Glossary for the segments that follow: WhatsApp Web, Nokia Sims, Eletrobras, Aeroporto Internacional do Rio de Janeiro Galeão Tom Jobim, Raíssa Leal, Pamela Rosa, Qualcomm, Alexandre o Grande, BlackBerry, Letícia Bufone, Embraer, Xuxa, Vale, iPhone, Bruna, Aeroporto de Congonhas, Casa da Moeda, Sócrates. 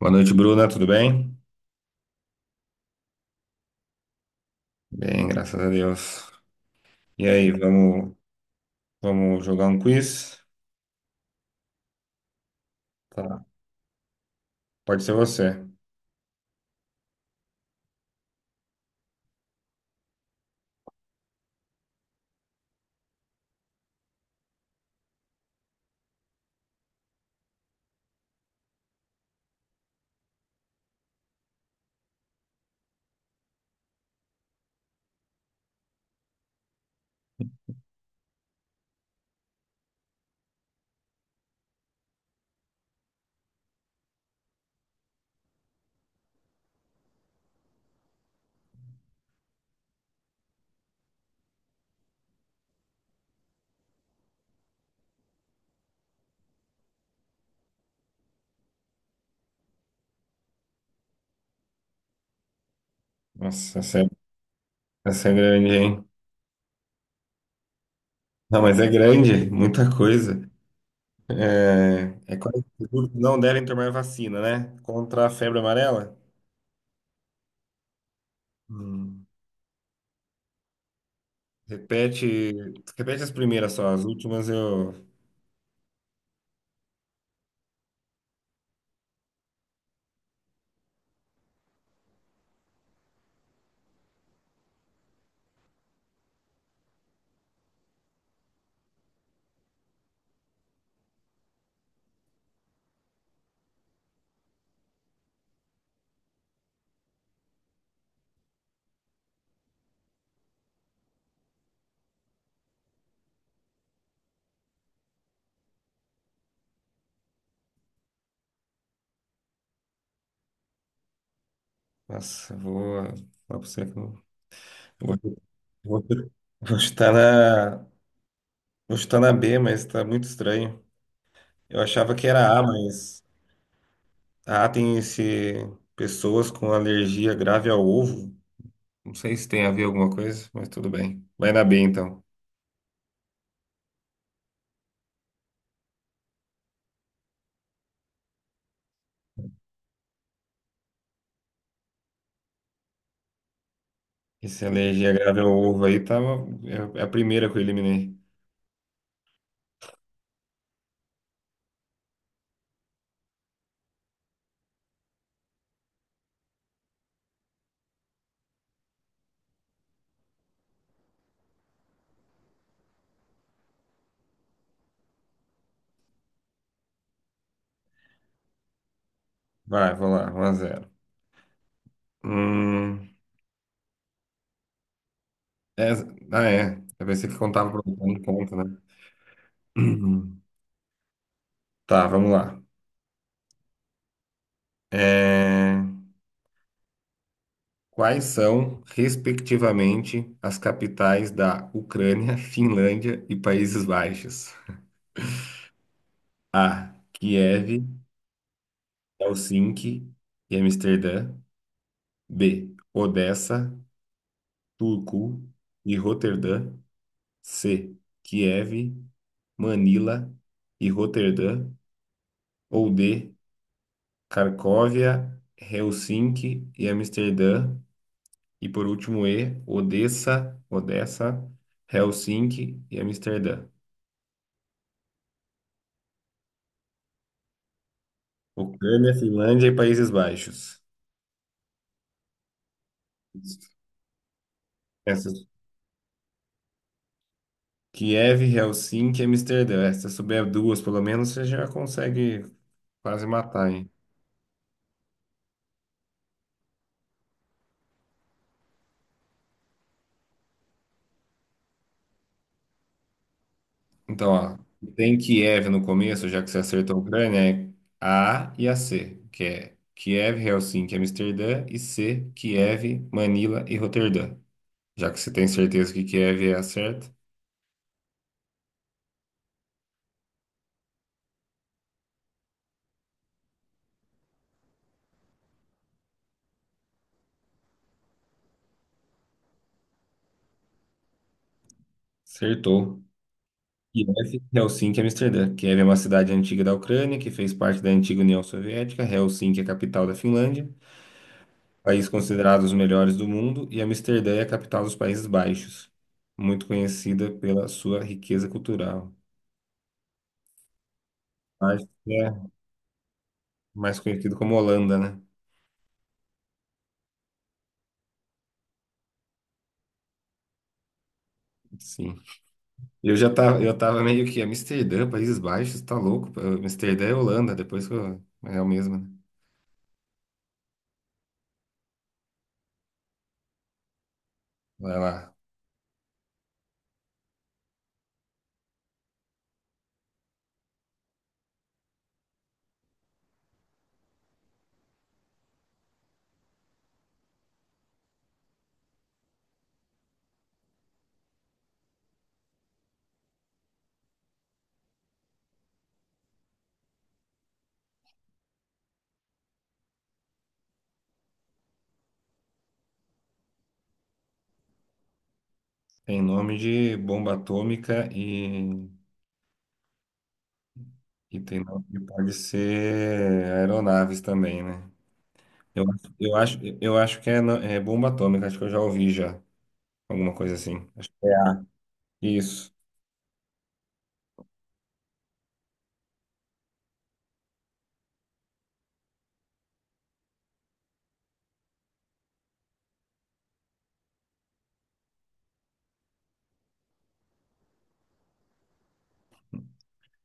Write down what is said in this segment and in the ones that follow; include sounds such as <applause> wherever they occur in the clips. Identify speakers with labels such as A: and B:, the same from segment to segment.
A: Boa noite, Bruna. Tudo bem? Bem, graças a Deus. E aí, vamos jogar um quiz? Tá. Pode ser você. Nossa, essa é grande, hein? Não, mas é grande, muita coisa. É quais produtos não devem tomar vacina, né? Contra a febre amarela? Hum. Repete, repete as primeiras só, as últimas eu. Nossa, eu vou falar pra você que eu eu vou, eu vou, eu vou vou chutar na B, mas tá muito estranho. Eu achava que era A, mas. Ah, tem esse pessoas com alergia grave ao ovo. Não sei se tem a ver alguma coisa, mas tudo bem. Vai na B então. Essa alergia grave ao ovo aí tava é a primeira que eu eliminei. Vai, vou lá, 1 a 0. Hum, é- ah, é. Eu pensei que contava para um ponto, né? <clears throat> Uhum. Tá, vamos lá. É, quais são, respectivamente, as capitais da Ucrânia, Finlândia e Países Baixos? A. Kiev. Helsinki e Amsterdã. B. Odessa, Turku e Roterdã. C. Kiev, Manila e Roterdã. Ou D. Cracóvia, Helsinki e Amsterdã. E por último, E. Odessa, Helsinki e Amsterdã. Ucrânia, Finlândia e Países Baixos. Essas. Kiev, Helsinki e Amsterdã. Essas souber duas, pelo menos, você já consegue quase matar, hein? Então, ó, tem Kiev no começo, já que você acertou a Ucrânia, é A e a C, que é Kiev, Helsinki, Amsterdã, e C, Kiev, Manila e Roterdã. Já que você tem certeza que Kiev é a certa, acertou. Kiev, Helsinki, Amsterdã. Kiev é uma cidade antiga da Ucrânia que fez parte da antiga União Soviética. Helsinki é a capital da Finlândia, país considerado os melhores do mundo, e Amsterdã é a capital dos Países Baixos, muito conhecida pela sua riqueza cultural. Acho que é mais conhecido como Holanda, né? Sim. Eu tava meio que Amsterdã, Países Baixos, tá louco? Amsterdã é Holanda, depois que eu, é o mesmo, né? Vai lá. Tem nome de bomba atômica e tem nome que pode ser aeronaves também, né? Eu acho que é, é bomba atômica, acho que eu já ouvi já, alguma coisa assim. Acho que é A. Isso.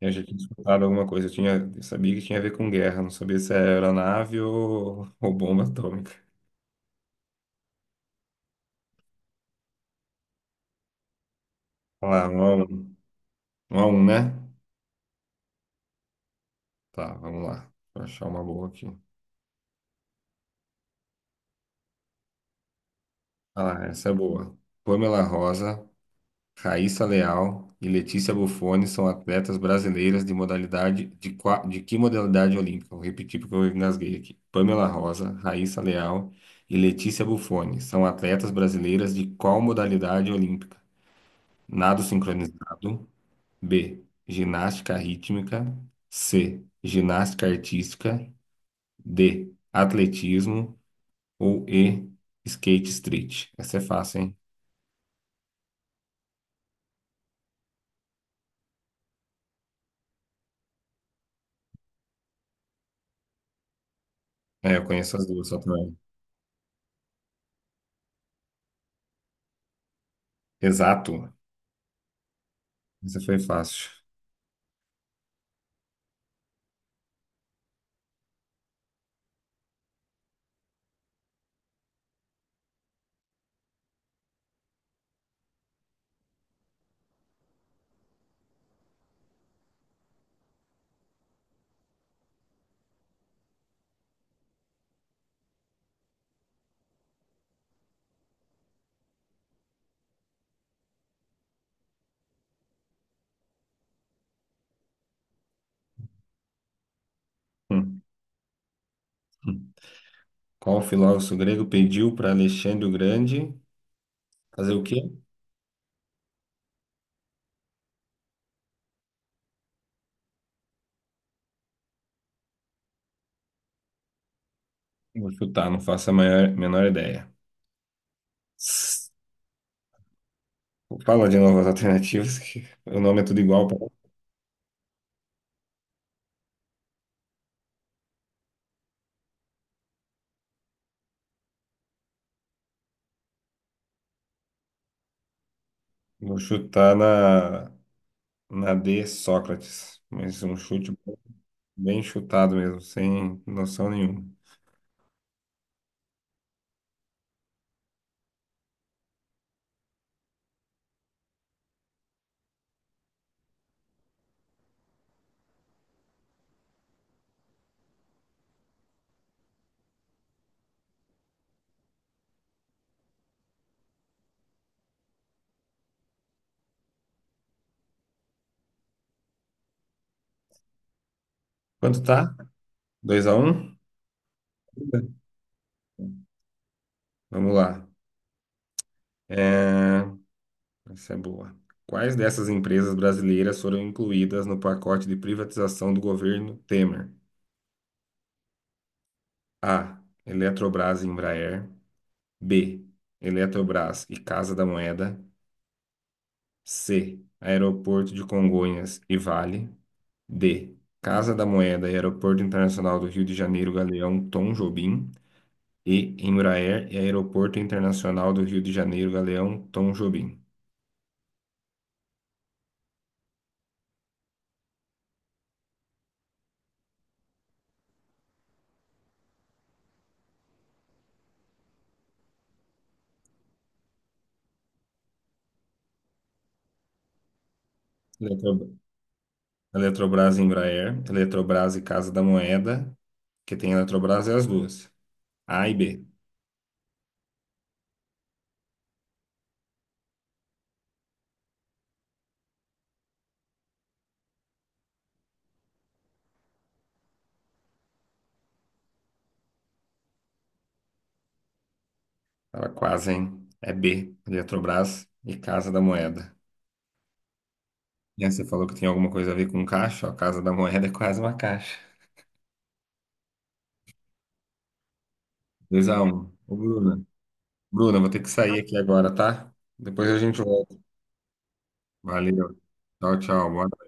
A: Eu já tinha escutado alguma coisa, eu sabia que tinha a ver com guerra, não sabia se era aeronave ou bomba atômica. Vamos lá, um a um, um a um, né? Tá, vamos lá. Vou achar uma boa aqui. Ah lá, essa é boa. Pamela Rosa, Raíssa Leal e Letícia Bufone são atletas brasileiras de de que modalidade olímpica? Vou repetir porque eu engasguei aqui. Pamela Rosa, Raíssa Leal e Letícia Bufone são atletas brasileiras de qual modalidade olímpica? Nado sincronizado. B. Ginástica rítmica. C. Ginástica artística. D. Atletismo. Ou E Skate Street. Essa é fácil, hein? É, eu conheço as duas só também. Exato. Essa foi fácil. Hum. Hum. Qual filósofo grego pediu para Alexandre o Grande fazer o quê? Vou chutar, não faço a maior, menor ideia. S- Fala de novas alternativas, que o nome é tudo igual, pô. Vou chutar na D, Sócrates. Mas um chute bem chutado mesmo, sem noção nenhuma. Quanto tá? 2 a um. Vamos lá. É, essa é boa. Quais dessas empresas brasileiras foram incluídas no pacote de privatização do governo Temer? A. Eletrobras e Embraer. B. Eletrobras e Casa da Moeda. C. Aeroporto de Congonhas e Vale. D. Casa da Moeda e Aeroporto Internacional do Rio de Janeiro Galeão Tom Jobim. E. Embraer e Aeroporto Internacional do Rio de Janeiro Galeão Tom Jobim. Eletrob- Eletrobras e Embraer, Eletrobras e Casa da Moeda, que tem Eletrobras e as duas, A e B. Ela quase, hein? É B, Eletrobras e Casa da Moeda. E aí você falou que tem alguma coisa a ver com caixa, ó, Casa da Moeda é quase uma caixa. 2 a 1. Ô, Bruna. Bruna, vou ter que sair aqui agora, tá? Depois a gente volta. Valeu. Tchau, tchau. Boa